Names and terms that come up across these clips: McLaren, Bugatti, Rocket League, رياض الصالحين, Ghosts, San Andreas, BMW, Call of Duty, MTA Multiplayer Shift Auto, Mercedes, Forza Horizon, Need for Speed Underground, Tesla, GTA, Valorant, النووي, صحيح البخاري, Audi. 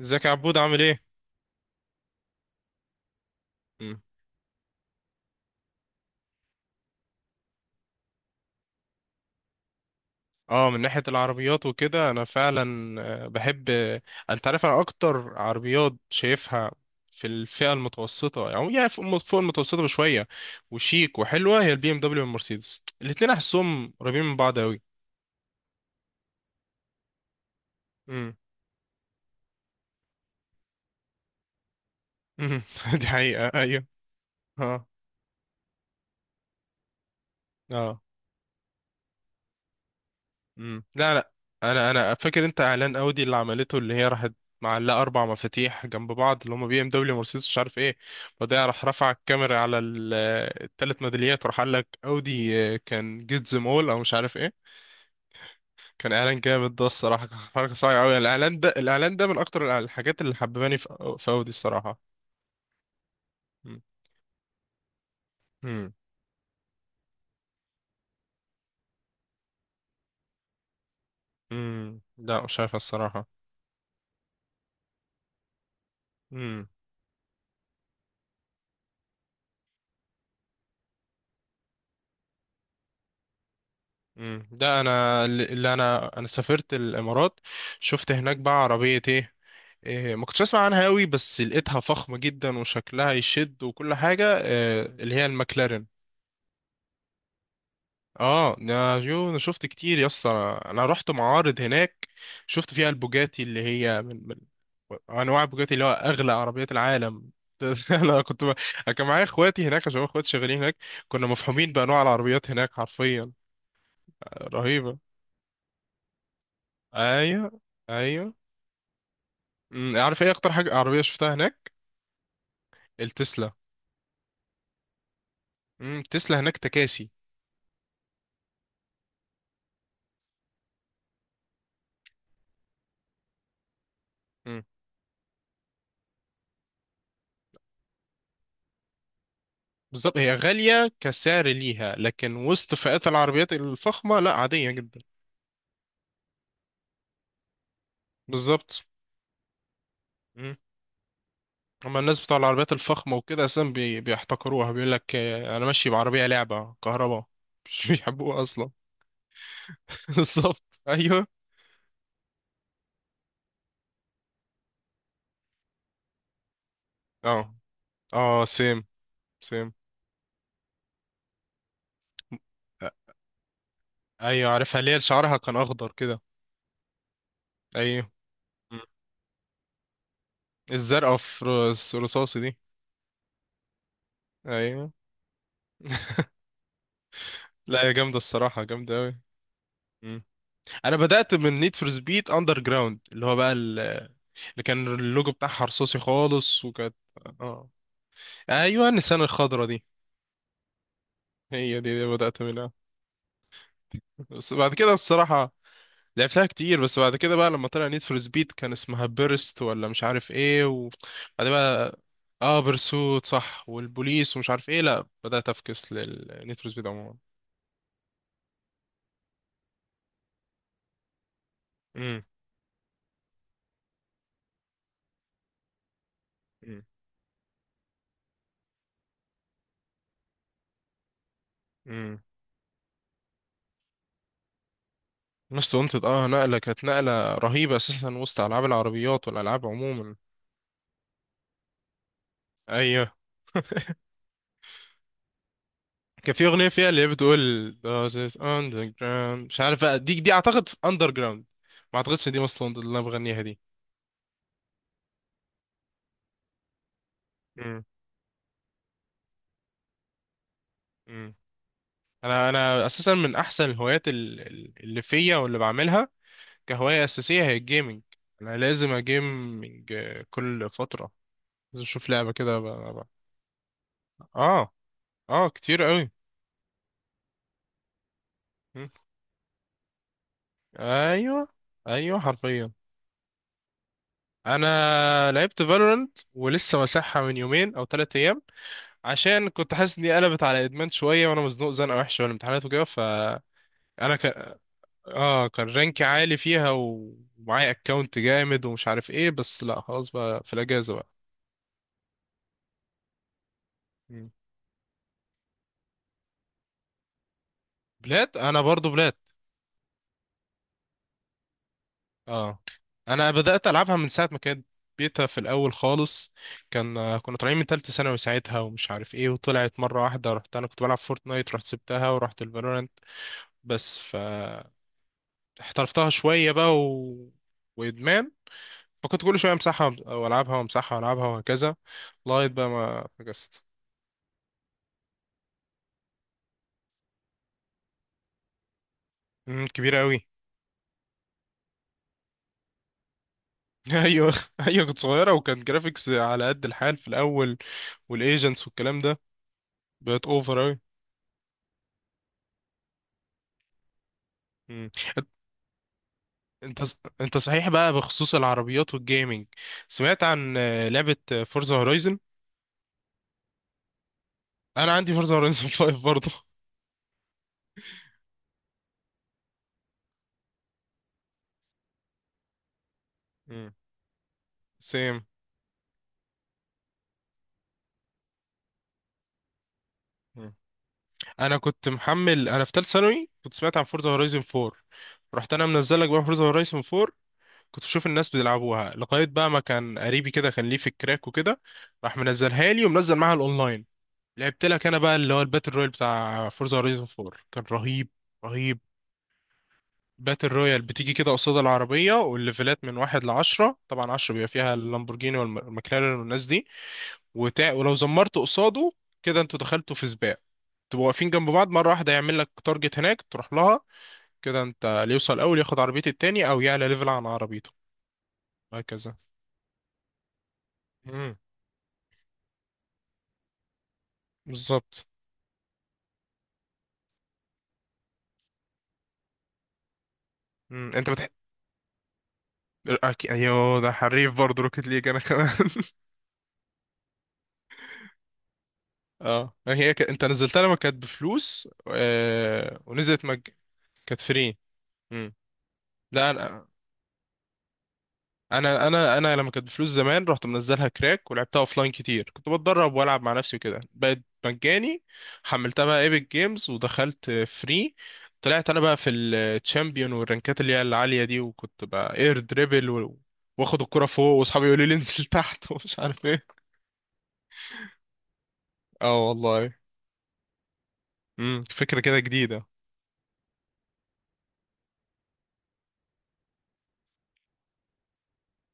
ازيك يا عبود عامل ايه؟ مم. اه، من ناحية العربيات وكده انا فعلا بحب انت عارف انا اكتر عربيات شايفها في الفئة المتوسطة، يعني فوق المتوسطة بشوية، وشيك وحلوة، هي البي ام دبليو والمرسيدس. الاتنين احسهم قريبين من بعض اوي. مم. مم. دي حقيقة، ايوه. اه. اه. مم. لا لا. انا فاكر انت اعلان اودي اللي عملته، اللي هي راحت معلقه 4 مفاتيح جنب بعض، اللي هم بي ام دبليو، مرسيدس، مش عارف ايه، وبعدها راح رفع الكاميرا على ال3 ميداليات وراح قال لك اودي، كان جيت زم اول او مش عارف ايه. كان اعلان جامد ده الصراحه. كان حركه صايعه قوي، الاعلان ده، الاعلان ده من اكتر الحاجات اللي حبباني في اودي الصراحه. مم. مم. مم. لا مش عارف الصراحه. مم. مم. ده انا اللي انا سافرت الامارات، شفت هناك بقى عربية ايه. ما كنتش اسمع عنها قوي، بس لقيتها فخمة جدا، وشكلها يشد، وكل حاجة، اللي هي المكلارين. اه يا جو، انا شفت كتير يا اسطى، انا رحت معارض هناك. شفت فيها البوجاتي، اللي هي من انواع البوجاتي، اللي هو اغلى عربيات العالم. انا كنت ب... أنا كان معايا اخواتي هناك عشان اخواتي شغالين هناك. كنا مفهومين بانواع العربيات هناك حرفيا. رهيبة. ايوه. ايوه. عارف ايه اكتر حاجة عربية شفتها هناك؟ التسلا. التسلا هناك تكاسي. بالظبط، هي غالية كسعر ليها، لكن وسط فئات العربيات الفخمة، لا عادية جدا. بالظبط. مم. أما الناس بتوع العربيات الفخمة وكده أساسا، بيحتقروها، بيقول لك أنا ماشي بعربية لعبة كهرباء. مش بيحبوها أصلا. بالظبط، أيوه. أه. أه. سيم. سيم. أ- أيوه عارفها، اللي هي شعرها كان أخضر كده. أيوه. مم. الزرقاء في رصاصي دي. أيوه. لا، هي جامدة الصراحة، جامدة أوي. انا بدات من نيد فور سبيد اندر جراوند، اللي هو بقى اللي كان اللوجو بتاعها رصاصي خالص وكانت. اه. ايوه النسان الخضرا دي. هي دي بدات منها. بس بعد كده الصراحه، لعبتها كتير، بس بعد كده بقى لما طلع نيد فور سبيد كان اسمها بيرست ولا مش عارف ايه، وبعد بقى، اه بيرسوت صح، والبوليس ومش عارف ايه، لا بدات افكس للنيد فور سبيد عموما. امم. امم. مست وانتد، نقله كانت نقله رهيبه اساسا وسط العاب العربيات والالعاب عموما. ايوه. كان في اغنيه فيها اللي هي بتقول This is underground، مش عارف بقى، دي اعتقد اندر جراوند. ما اعتقدش إن دي مصر اللي انا بغنيها دي. مم. مم. انا اساسا من احسن الهوايات اللي فيا واللي بعملها كهوايه اساسيه هي الجيمنج. انا لازم اجيمنج كل فتره، لازم اشوف لعبه كده ب- اه. اه كتير قوي. مم. ايوه. ايوه حرفيا. انا لعبت فالورنت ولسه مسحها من يومين او 3 ايام، عشان كنت حاسس اني قلبت على ادمان شويه، وانا مزنوق زنقه وحشه، والامتحانات وكده، ك... اه كان رانكي عالي فيها ومعايا اكونت جامد ومش عارف ايه، بس لا خلاص بقى في الاجازه بقى. مم. بلاد، انا برضو بلاد. اه، انا بدات العبها من ساعه ما كانت بيتا في الاول خالص. كان كنا طالعين من تالتة ثانوي ساعتها ومش عارف ايه، وطلعت مره واحده، رحت انا كنت بلعب فورتنايت، رحت سبتها ورحت الفالورانت. بس فاحترفتها شويه بقى وادمان. فكنت كل شوية امسحها والعبها وامسحها والعبها وهكذا، لغاية بقى ما فكست. كبيرة قوي. ايوه. ايوه كنت صغيرة وكان جرافيكس على قد الحال في الاول، والايجنتس والكلام ده، بقت اوفر قوي. انت انت صحيح بقى بخصوص العربيات والجيمنج، سمعت عن لعبة فورزا هورايزن؟ انا عندي فورزا هورايزن 5 برضه. مم، سيم. مم. انا كنت محمل، انا في ثالث ثانوي كنت سمعت عن فورزا هورايزن 4، رحت انا منزل لك بقى فورزا هورايزن 4. كنت بشوف الناس بيلعبوها، لغاية بقى ما كان قريبي كده كان ليه في الكراك وكده، راح منزلها لي ومنزل معاها الاونلاين. لعبت لك انا بقى، اللي هو الباتل رويال بتاع فورزا هورايزون 4، كان رهيب. رهيب. باتل رويال بتيجي كده قصاد العربية، والليفلات من واحد لعشرة، طبعا عشرة بيبقى فيها اللامبورجيني والمكلارين والناس دي، ولو زمرت قصاده كده، انتوا دخلتوا في سباق، تبقوا واقفين جنب بعض مرة واحدة، يعمل لك تارجت هناك تروح لها، كده انت اللي يوصل الاول ياخد عربية التاني او يعلى ليفل عن عربيته، هكذا. امم. بالظبط. مم. انت بتح ايوه، ده حريف برضه روكيت ليج، انا كمان. اه، هي انت نزلتها لما كانت بفلوس ونزلت كانت فري. مم. لا انا، انا لما كانت بفلوس زمان، رحت منزلها كراك ولعبتها اوفلاين كتير، كنت بتدرب والعب مع نفسي وكده، بقت مجاني. حملتها بقى ايبك جيمز ودخلت فري، طلعت انا بقى في الشامبيون والرانكات اللي هي العالية دي، وكنت بقى اير دريبل واخد الكرة فوق، واصحابي يقولوا لي انزل تحت. ومش عارف ايه. اه والله. فكرة كده جديدة.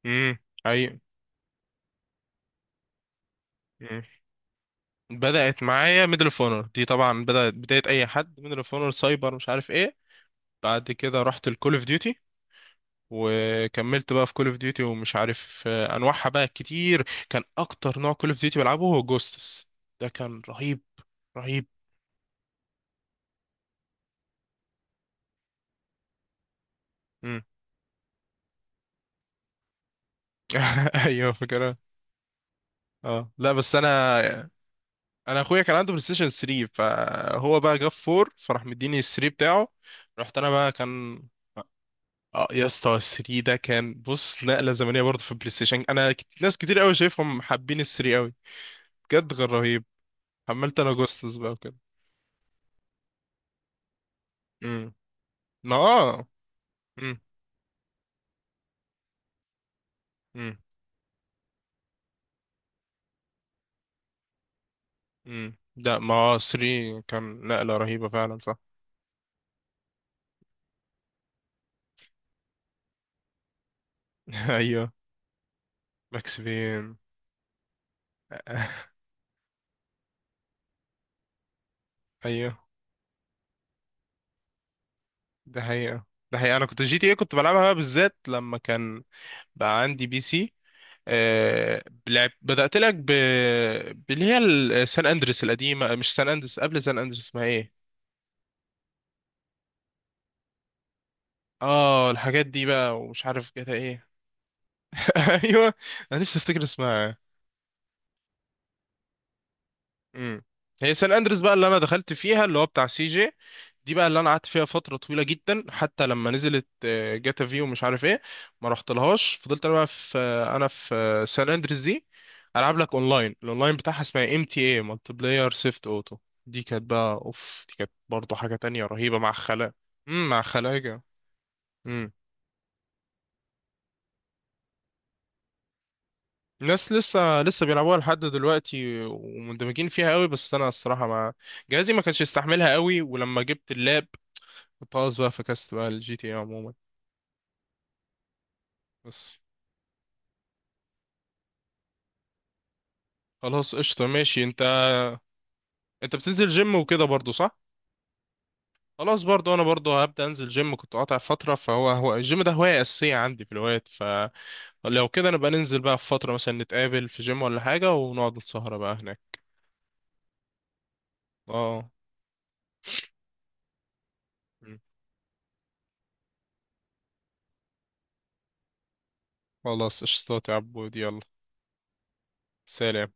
امم. اي. امم. بدأت معايا ميدل اوف اونر، دي طبعا بدأت بداية اي حد، ميدل اوف اونر، سايبر مش عارف ايه. بعد كده رحت الكول اوف ديوتي، وكملت بقى في كول اوف ديوتي، ومش عارف انواعها بقى كتير، كان اكتر نوع كول اوف ديوتي بلعبه هو جوستس. ده كان رهيب. رهيب. امم. ايوه. فكرة. اه لا بس انا، انا اخويا كان عنده بلاي ستيشن 3، فهو بقى جاب 4، فراح مديني ال 3 بتاعه، رحت انا بقى كان. اه يا اسطى، 3 ده كان، بص، نقله زمنيه برضه في البلاي ستيشن، انا ناس كتير قوي شايفهم حابين ال 3 قوي، بجد غير رهيب. حملت انا جوستس بقى وكده. امم. ما اه. امم. امم. امم. لا ما 3 كان نقله رهيبه فعلا، صح. ايوه. ماكس بين. آه. ايوه. ده حقيقه، ده حقيقه، انا كنت جي تي ايه كنت بلعبها بقى بالذات لما كان بقى عندي بي سي، لعب، بدأت لك باللي هي سان اندريس القديمة، مش سان اندريس، قبل سان اندريس اسمها ايه. اه، الحاجات دي بقى، ومش عارف جاتا ايه. ايوه. انا نفسي افتكر اسمها. امم. هي سان اندريس بقى، اللي انا دخلت فيها، اللي هو بتاع سي جي، دي بقى اللي انا قعدت فيها فتره طويله جدا، حتى لما نزلت جاتا في ومش عارف ايه، ما رحت لهاش، فضلت انا بقى في آه، انا في سان اندريس دي. العب لك اونلاين، الاونلاين بتاعها اسمها ام تي اي مالتي بلاير سيفت اوتو، دي كانت برضه حاجه تانية رهيبه مع خلايا. امم، مع خلايا. ناس لسه بيلعبوها لحد دلوقتي، ومندمجين فيها قوي، بس انا الصراحه ما، جهازي ما كانش يستحملها قوي، ولما جبت اللاب كنت خلاص بقى فكست بقى الجي تي اي عموما. بس. خلاص، قشطه، ماشي انت. انت بتنزل جيم وكده برضو، صح؟ خلاص، برضو انا برضو هبدا انزل جيم، كنت قاطع فتره، فهو الجيم ده هوايه اساسيه عندي في الوقت، فلو كده نبقى ننزل بقى في فتره مثلا، نتقابل في جيم ولا حاجه ونقعد السهره بقى هناك. اه خلاص، قشطات يا عبود، يلا. سلام.